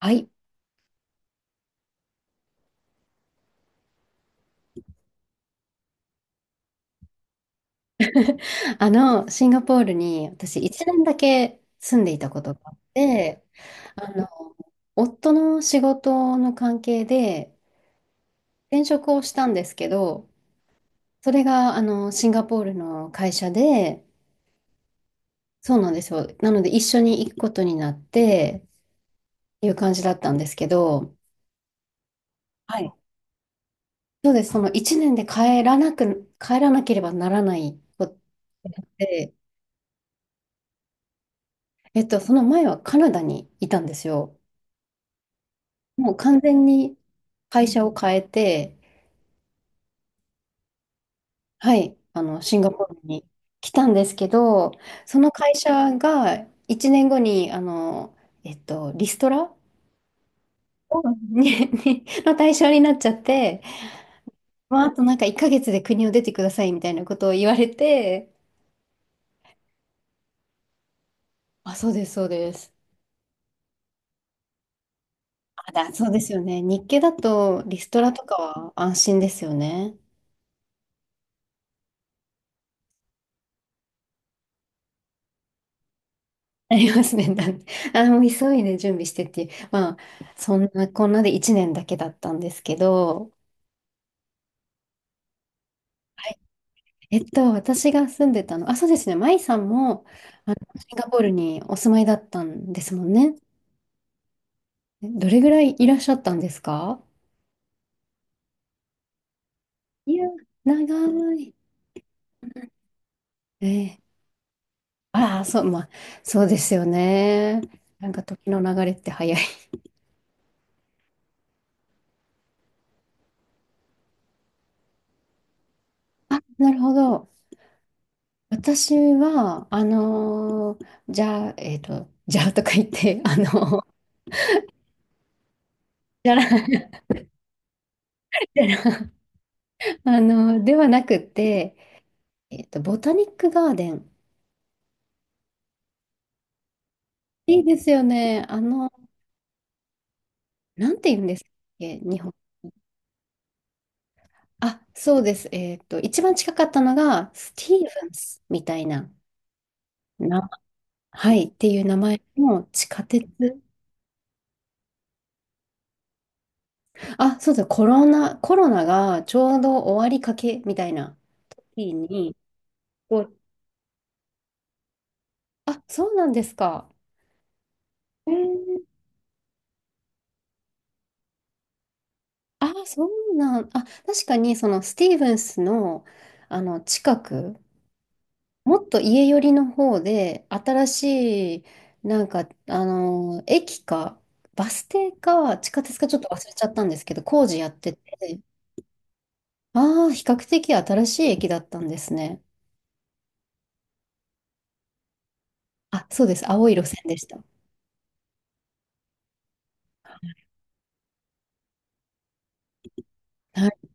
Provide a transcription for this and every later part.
はい。シンガポールに私1年だけ住んでいたことがあって、あの、夫の仕事の関係で転職をしたんですけど、それが、シンガポールの会社で、そうなんですよ。なので一緒に行くことになってっていう感じだったんですけど、はい。そうです。その1年で帰らなく、帰らなければならないことになって、その前はカナダにいたんですよ。もう完全に会社を変えて、はい、シンガポールに来たんですけど、その会社が1年後に、リストラをににの対象になっちゃって、まあ、あとなんか1ヶ月で国を出てくださいみたいなことを言われて、あ、そうです、そうです。あ、そうですよね。日系だとリストラとかは安心ですよね。ありますね。だって、あ、もう急いで準備してっていう。まあ、そんなこんなで1年だけだったんですけど、私が住んでたの、あ、そうですね、舞さんもシンガポールにお住まいだったんですもんね。どれぐらいいらっしゃったんですか？いや、長い。ええ、ああ、そう、まあ、そうですよね。なんか時の流れって早い。あ、なるほど。私は、じゃあ、じゃあとか言って、ーじゃらたら ではなくて、ボタニックガーデン。いいですよね。なんて言うんですっけ、日本。あ、そうです。一番近かったのが、スティーブンスみたいな、な、はい、っていう名前の地下鉄。あ、そうだ、コロナがちょうど終わりかけみたいな日に、こう、あ、そうなんですか。へー、あ、そうなん、あ、確かにそのスティーブンスの、あの近くもっと家寄りの方で、新しい、なんか、駅か、バス停か、地下鉄かちょっと忘れちゃったんですけど、工事やってて、ああ、比較的新しい駅だったんですね。あ、そうです。青い路線でした。はい。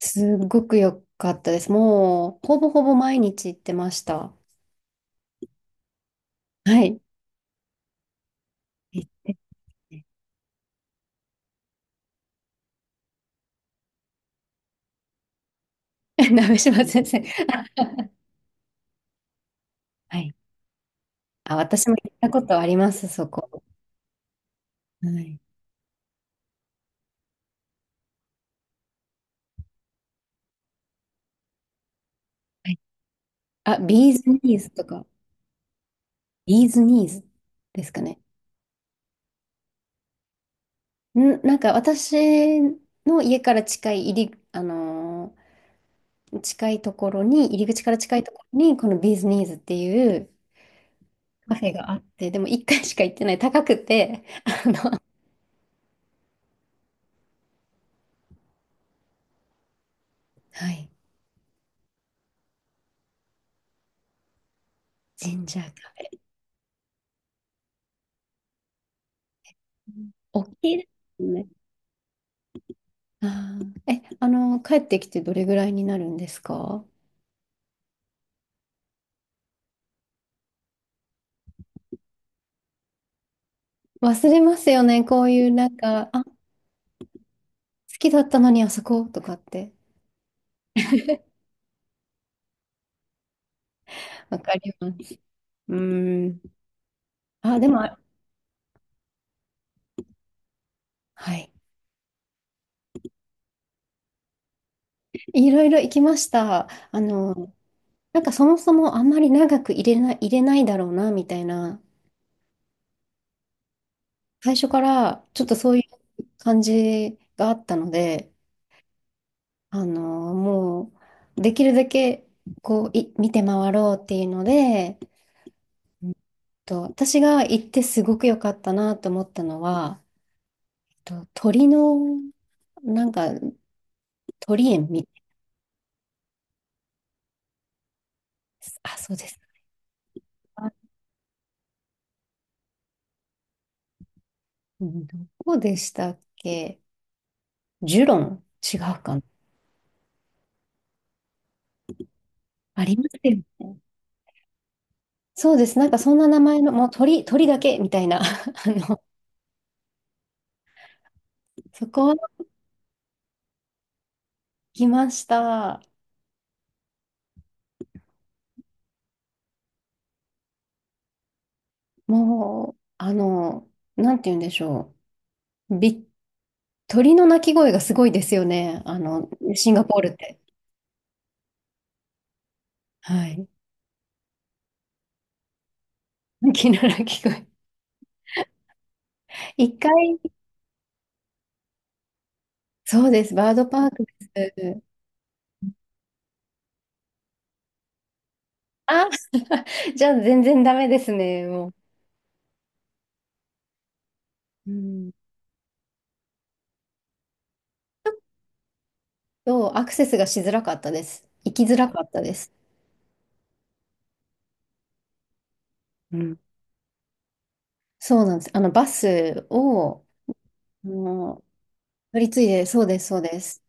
すごく良かったです。もう、ほぼほぼ毎日行ってました。はい。行ってて 鍋島先生。あ、はい。あ、私も行ったことあります、そこ。はい。はい。あ、ビーズニーズとか。ビーズニーズですかね。ん、なんか私の家から近い入り、近いところに、入り口から近いところに、このビーズニーズっていうカフェがあって、でも一回しか行ってない、高くて、あの、はい、ジンジャーカフェ。大きいですね。あー、え、帰ってきてどれぐらいになるんですか？忘れますよね、こういうなんか、あ、好きだったのにあそことかって。わかります。うーん。あ、でも、はい。いろいろ行きました。なんかそもそもあんまり長く入れないだろうな、みたいな、最初からちょっとそういう感じがあったので、もう、できるだけ、こう、見て回ろうっていうので、えっ私が行ってすごく良かったなと思ったのは、鳥の、なんか、鳥園み、あ、そうですか。うん、どこでしたっけ？ジュロン違うかな？ありますよね。そうです。なんかそんな名前の、もう鳥、鳥だけみたいな。そこは来ました。もう、なんて言うんでしょう。鳥の鳴き声がすごいですよね。シンガポールって。はい。鳥の鳴き声。一回、そうです。バードパークです。あ、じゃあ全然ダメですね。もう。うん。そう、アクセスがしづらかったです。行きづらかったです。うん。そうなんです。バスを、あの乗り継いで、そうです、そうです。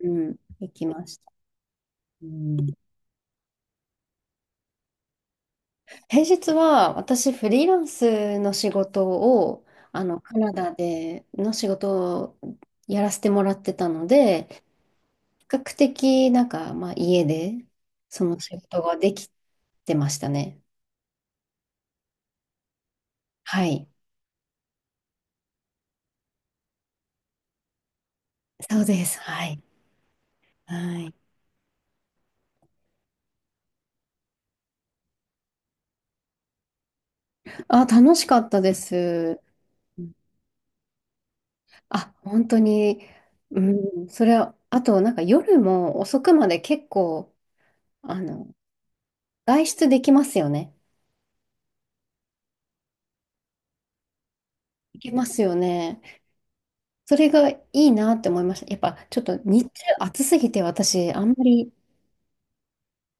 うん、行きました。うん、平日は私、フリーランスの仕事を、カナダでの仕事をやらせてもらってたので、比較的、なんか、まあ、家で、その仕事ができてましたね。はい。そうです。はい。はい。あ、楽しかったです。あ、本当に、うん、それは、あと、なんか夜も遅くまで結構、あの、外出できますよね。できますよね。それがいいなって思いました。やっぱちょっと日中暑すぎて私、あんまり、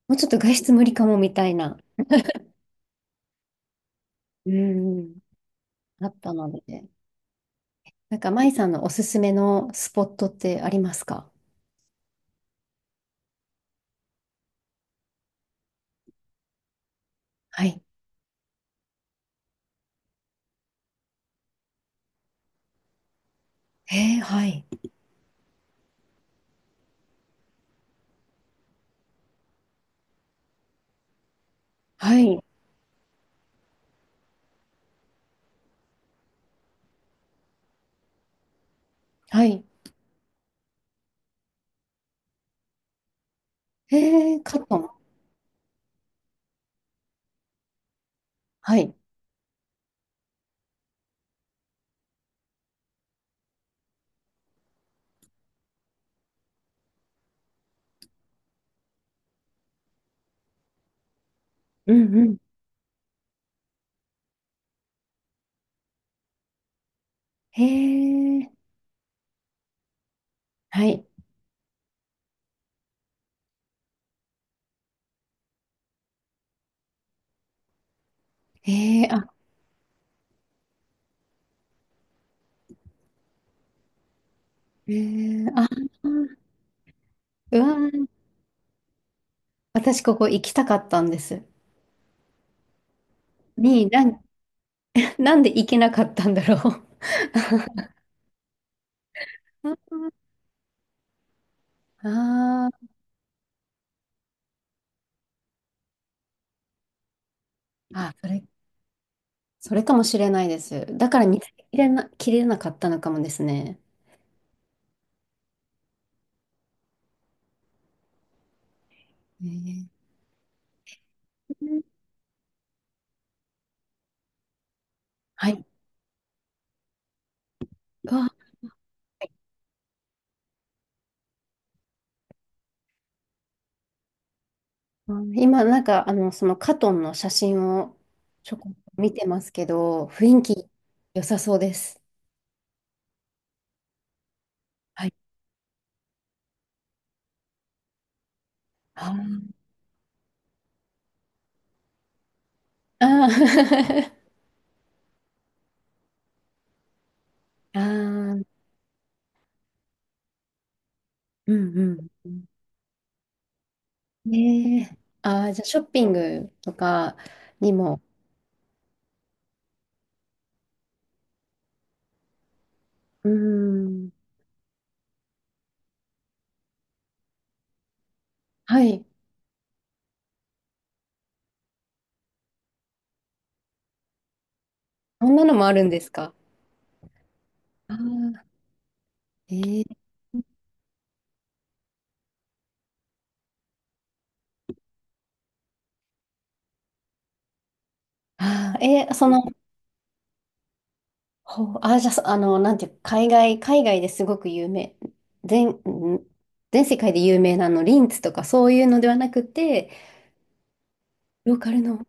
もうちょっと外出無理かもみたいな、うん、あったので。なんか、舞さんのおすすめのスポットってありますか？はい。えー、はい。はい。はい。えー、カットン。はい。うんうん。えー、はい。えー、あ、えー、あ、うわー、私ここ行きたかったんです。に、なんなんで行けなかったんだろう。ああ、あ、それかもしれないです。だから見つけれな、切れなかったのかもですね。えー、はい。わ、今、なんか、そのカトンの写真をちょこっと見てますけど、雰囲気良さそうです。はい。あーあー あー、うんうんうん。ねえ。ああ、じゃあショッピングとかにも。うーん。はい。こんなのもあるんですか？ああ、えー、あーえー、その、ほう、あー、じゃあ、そあの、なんていうか、海外ですごく有名、全、ん全世界で有名なリンツとかそういうのではなくて、ローカルの、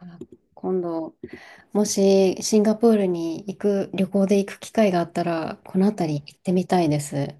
あー、今度、もしシンガポールに行く、旅行で行く機会があったら、この辺り行ってみたいです。